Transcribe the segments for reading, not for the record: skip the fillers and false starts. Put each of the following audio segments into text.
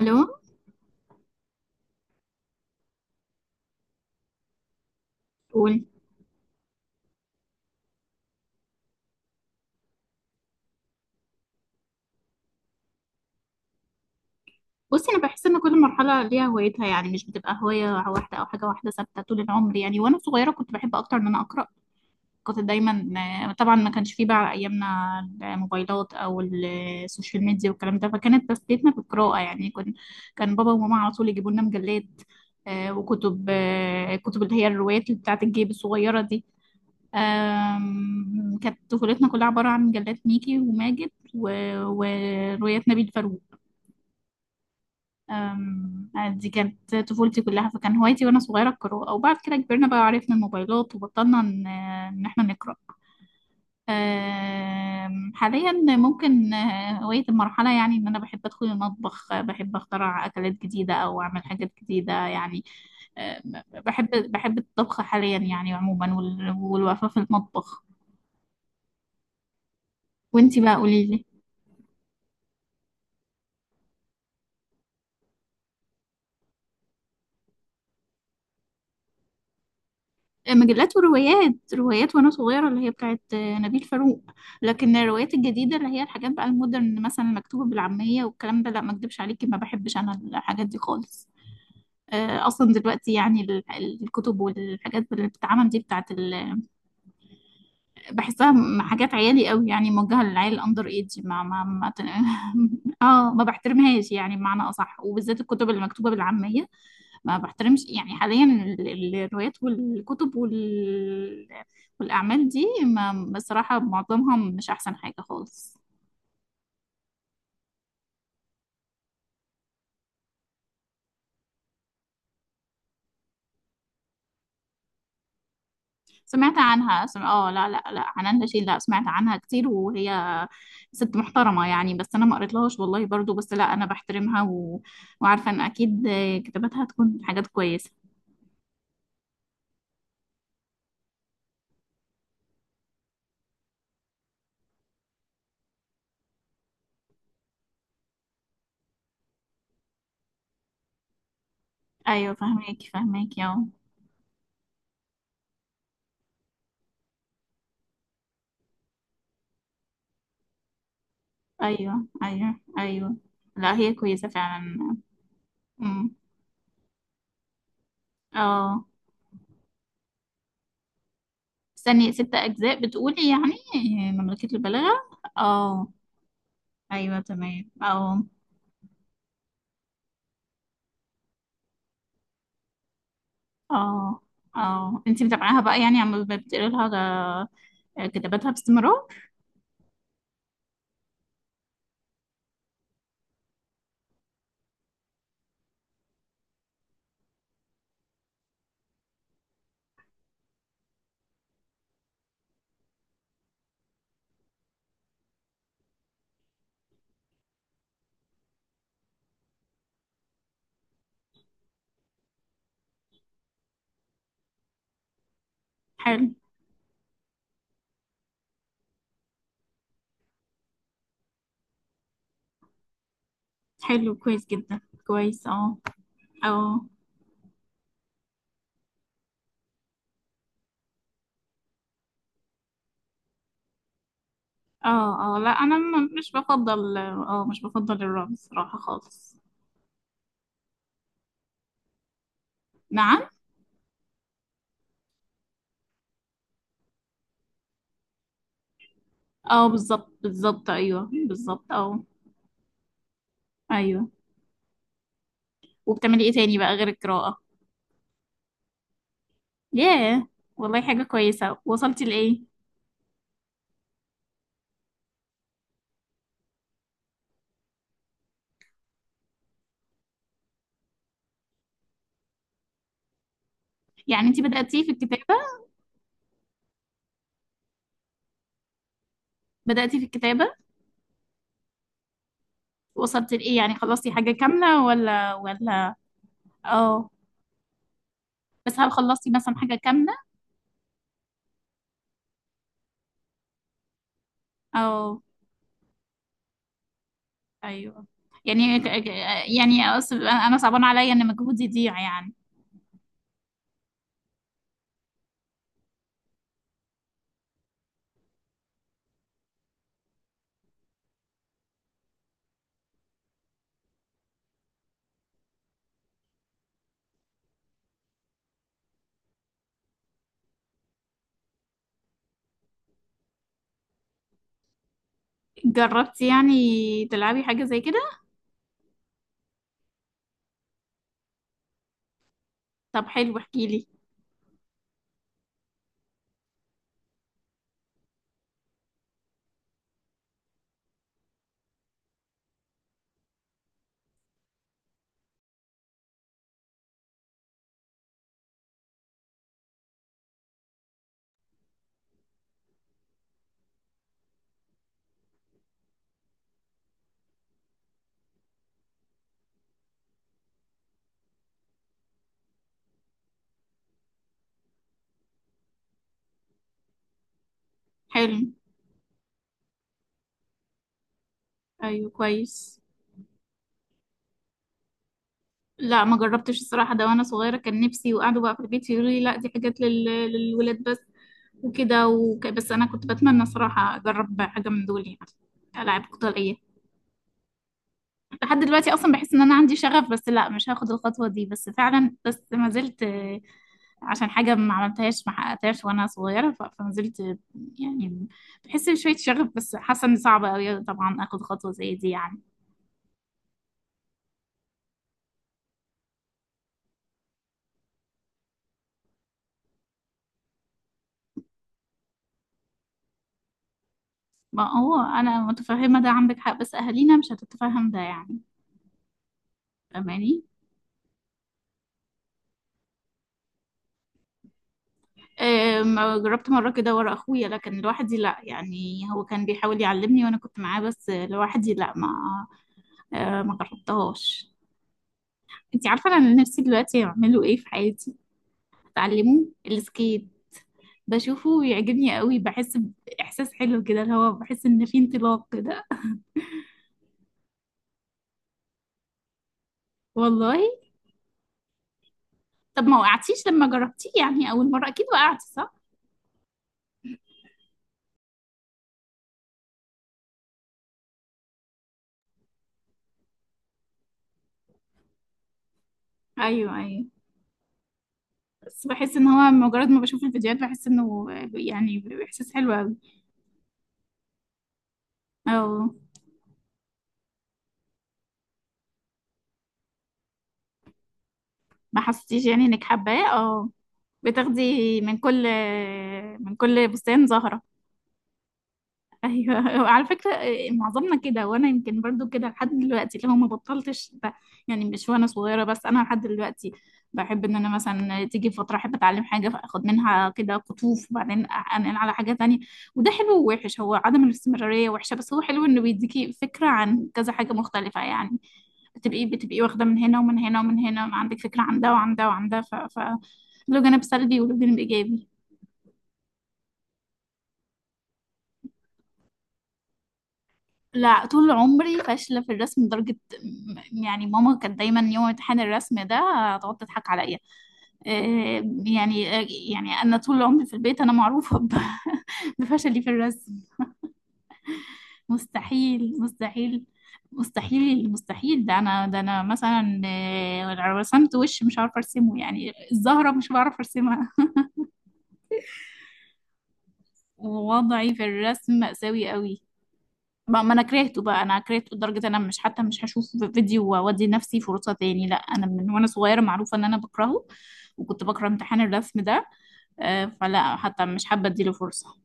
الو. قول. بصي، انا بحس ان كل مرحله ليها هوايتها، يعني مش بتبقى هوايه واحده او حاجه واحده ثابته طول العمر، يعني وانا صغيره كنت بحب اكتر ان انا اقرا. كنت دايما. طبعا ما كانش فيه بقى ايامنا الموبايلات او السوشيال ميديا والكلام ده، فكانت تسليتنا بالقراءه. يعني كن كان بابا وماما على طول يجيبوا لنا مجلات وكتب كتب اللي هي الروايات اللي بتاعت الجيب الصغيره دي. كانت طفولتنا كلها عباره عن مجلات ميكي وماجد وروايات نبيل فاروق. أم، آه، دي كانت طفولتي كلها، فكان هوايتي وانا صغيره القراءه، وبعد كده كبرنا بقى وعرفنا الموبايلات وبطلنا ان إن احنا نقرا. حاليا ممكن هوايه المرحله، يعني ان انا بحب ادخل المطبخ، بحب اخترع اكلات جديده او اعمل حاجات جديده يعني. بحب الطبخ حاليا يعني عموما والوقفه في المطبخ. وانتي بقى قولي لي. مجلات وروايات، روايات وانا صغيره اللي هي بتاعت نبيل فاروق. لكن الروايات الجديده اللي هي الحاجات بقى المودرن، مثلا مكتوبه بالعاميه والكلام ده، لا، ما اكدبش عليكي، ما بحبش انا الحاجات دي خالص. اصلا دلوقتي يعني الكتب والحاجات اللي بتتعمل دي بتاعت بحسها حاجات عيالي قوي، يعني موجهه للعيال الاندر ايدج. ما ما, ما ت- اه، ما بحترمهاش يعني، بمعنى اصح، وبالذات الكتب اللي مكتوبه بالعاميه. ما بحترمش يعني حاليا الروايات والكتب والأعمال دي، ما بصراحة معظمها مش أحسن حاجة خالص. سمعت عنها اه لا لا لا، عنان رشيد. لا، سمعت عنها كتير وهي ست محترمة يعني، بس أنا ما قريتلهاش والله برضو. بس لا، أنا بحترمها وعارفة إن أكيد كتاباتها تكون حاجات كويسة. أيوة، فهماكي فهماكي اه. أيوة أيوة أيوة. لا، هي كويسة فعلا. أمم. اه. استني، ست أجزاء بتقولي يعني؟ مملكة البلاغة؟ اه. أيوة تمام اه. اه اه انتي متابعاها بقى يعني، عم بتقري لها كتاباتها باستمرار؟ حلو، حلو كويس جدا. كويس اه اه اه اه. لا، انا مش بفضل، اه مش بفضل الرعب الصراحة خالص. نعم. اه، بالظبط بالظبط، ايوه بالظبط اه. ايوه. وبتعملي ايه تاني بقى غير القراءة؟ ياه، والله حاجة كويسة. وصلتي لإيه يعني؟ انتي بدأتي في الكتاب؟ بدأتي في الكتابة؟ وصلت لإيه يعني، خلصتي حاجة كاملة ولا؟ اه. بس هل خلصتي مثلا حاجة كاملة؟ أو أيوه. يعني ك- ك- يعني أنا صعبان عليا إن مجهودي يضيع يعني. جربتي يعني تلعبي حاجة زي كده؟ طب حلو احكيلي. حلو، أيوه كويس. لا، ما جربتش الصراحة ده. وأنا صغيرة كان نفسي، وقعدوا بقى في البيت يقولوا لي لا، دي حاجات للولاد بس، وكده بس أنا كنت بتمنى صراحة أجرب حاجة من دول، يعني ألعاب قتالية. لحد دلوقتي اصلا بحس ان انا عندي شغف، بس لا، مش هاخد الخطوه دي. بس فعلا بس ما زلت، عشان حاجه ما عملتهاش ما حققتهاش وانا صغيره، فما زلت يعني بحس بشويه شغف، بس حاسه ان صعبه قوي طبعا اخد خطوه زي دي يعني. ما هو انا متفهمه ده عندك حق، بس اهالينا مش هتتفهم ده يعني، فاهماني. ما جربت مره كده ورا اخويا، لكن لوحدي لا. يعني هو كان بيحاول يعلمني وانا كنت معاه، بس لوحدي لا. ما جربتهاش. انتي عارفة انا نفسي دلوقتي اعمله ايه في حياتي؟ اتعلمه السكيت. بشوفه ويعجبني قوي، بحس باحساس حلو كده، اللي هو بحس ان في انطلاق كده. والله. طب ما وقعتيش لما جربتيه يعني؟ اول مرة اكيد وقعتي صح؟ ايوه ايوه. بس بحس ان هو مجرد ما بشوف الفيديوهات بحس انه يعني باحساس حلو قوي. اه. ما حسيتيش يعني انك حباه اه. بتاخدي من كل، من كل بستان زهرة. ايوه على فكره، معظمنا كده، وانا يمكن برضو كده لحد دلوقتي، اللي هو ما بطلتش يعني مش وانا صغيره بس، انا لحد دلوقتي بحب ان انا مثلا تيجي فتره احب اتعلم حاجه، فاخد منها كده قطوف وبعدين انقل على حاجه تانية. وده حلو ووحش. هو عدم الاستمراريه وحشه، بس هو حلو انه بيديكي فكره عن كذا حاجه مختلفه، يعني بتبقي واخده من هنا ومن هنا ومن هنا، عندك فكره عن ده وعن ده وعن ده. له جانب سلبي وله جانب ايجابي. لا، طول عمري فاشلة في الرسم، لدرجة يعني ماما كانت دايما يوم امتحان الرسم ده تقعد تضحك عليا. آه، يعني آه، يعني أنا طول عمري في البيت أنا معروفة بفشلي في الرسم. مستحيل مستحيل. مستحيل مستحيل، ده أنا، ده أنا مثلا، لو رسمت وش مش عارفة أرسمه، يعني الزهرة مش بعرف أرسمها. ووضعي في الرسم مأساوي قوي. ما ما انا كرهته بقى، انا كرهته لدرجه انا مش حتى مش هشوف فيديو وادي نفسي فرصه تاني. لا، انا من وانا صغيره معروفه ان انا بكرهه، وكنت بكره امتحان الرسم ده. فلا، حتى مش حابه اديله فرصه.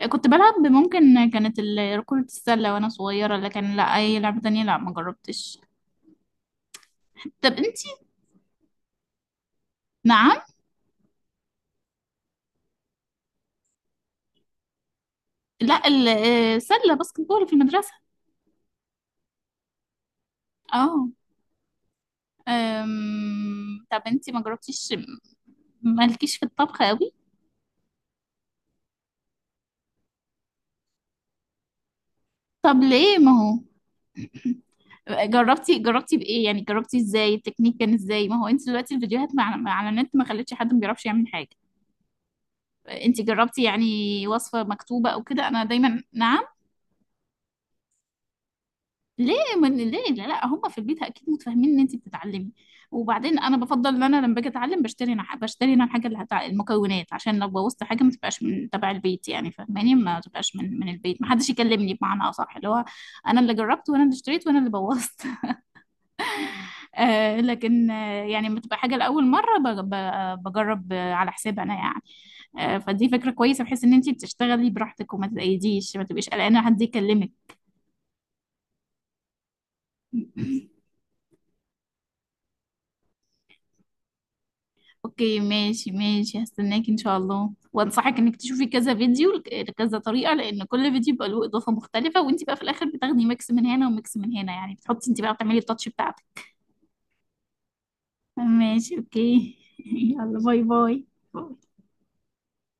كنت بلعب ممكن كانت كرة السلة وانا صغيرة، لكن لا اي لعبة تانية لا ما جربتش. طب انتي. نعم. لا، سلة باسكت بول في المدرسة. اه. طب انتي ما جربتيش، مالكيش في الطبخ قوي؟ طب ليه؟ ما هو جربتي، جربتي بايه يعني، جربتي ازاي؟ التكنيك كان ازاي؟ ما هو انت دلوقتي الفيديوهات على النت، ما خلتش حد ما بيعرفش يعمل حاجه. انت جربتي يعني وصفه مكتوبه او كده؟ انا دايما، نعم. ليه؟ من ليه، لا, لا هم في البيت اكيد متفاهمين ان انت بتتعلمي. وبعدين انا بفضل ان انا لما باجي اتعلم بشتري، انا بشتري انا الحاجه اللي المكونات، عشان لو بوظت حاجه ما تبقاش من تبع البيت يعني، فاهماني؟ ما تبقاش من البيت، ما حدش يكلمني بمعنى اصح، اللي هو انا اللي جربت وانا اللي اشتريت وانا اللي بوظت. آه، لكن آه يعني لما تبقى حاجه لاول مره بجرب على حساب انا يعني. آه، فدي فكره كويسه، بحيث ان انت بتشتغلي براحتك وما تتقيديش، ما تبقيش قلقانه حد يكلمك. اوكي، ماشي ماشي، هستناك ان شاء الله. وانصحك انك تشوفي كذا فيديو لكذا طريقه، لان كل فيديو بيبقى له اضافه مختلفه، وانت بقى في الاخر بتاخدي ميكس من هنا وميكس من هنا، يعني بتحطي انت بقى، بتعملي التاتش بتاعتك. ماشي اوكي يلا باي باي. باي.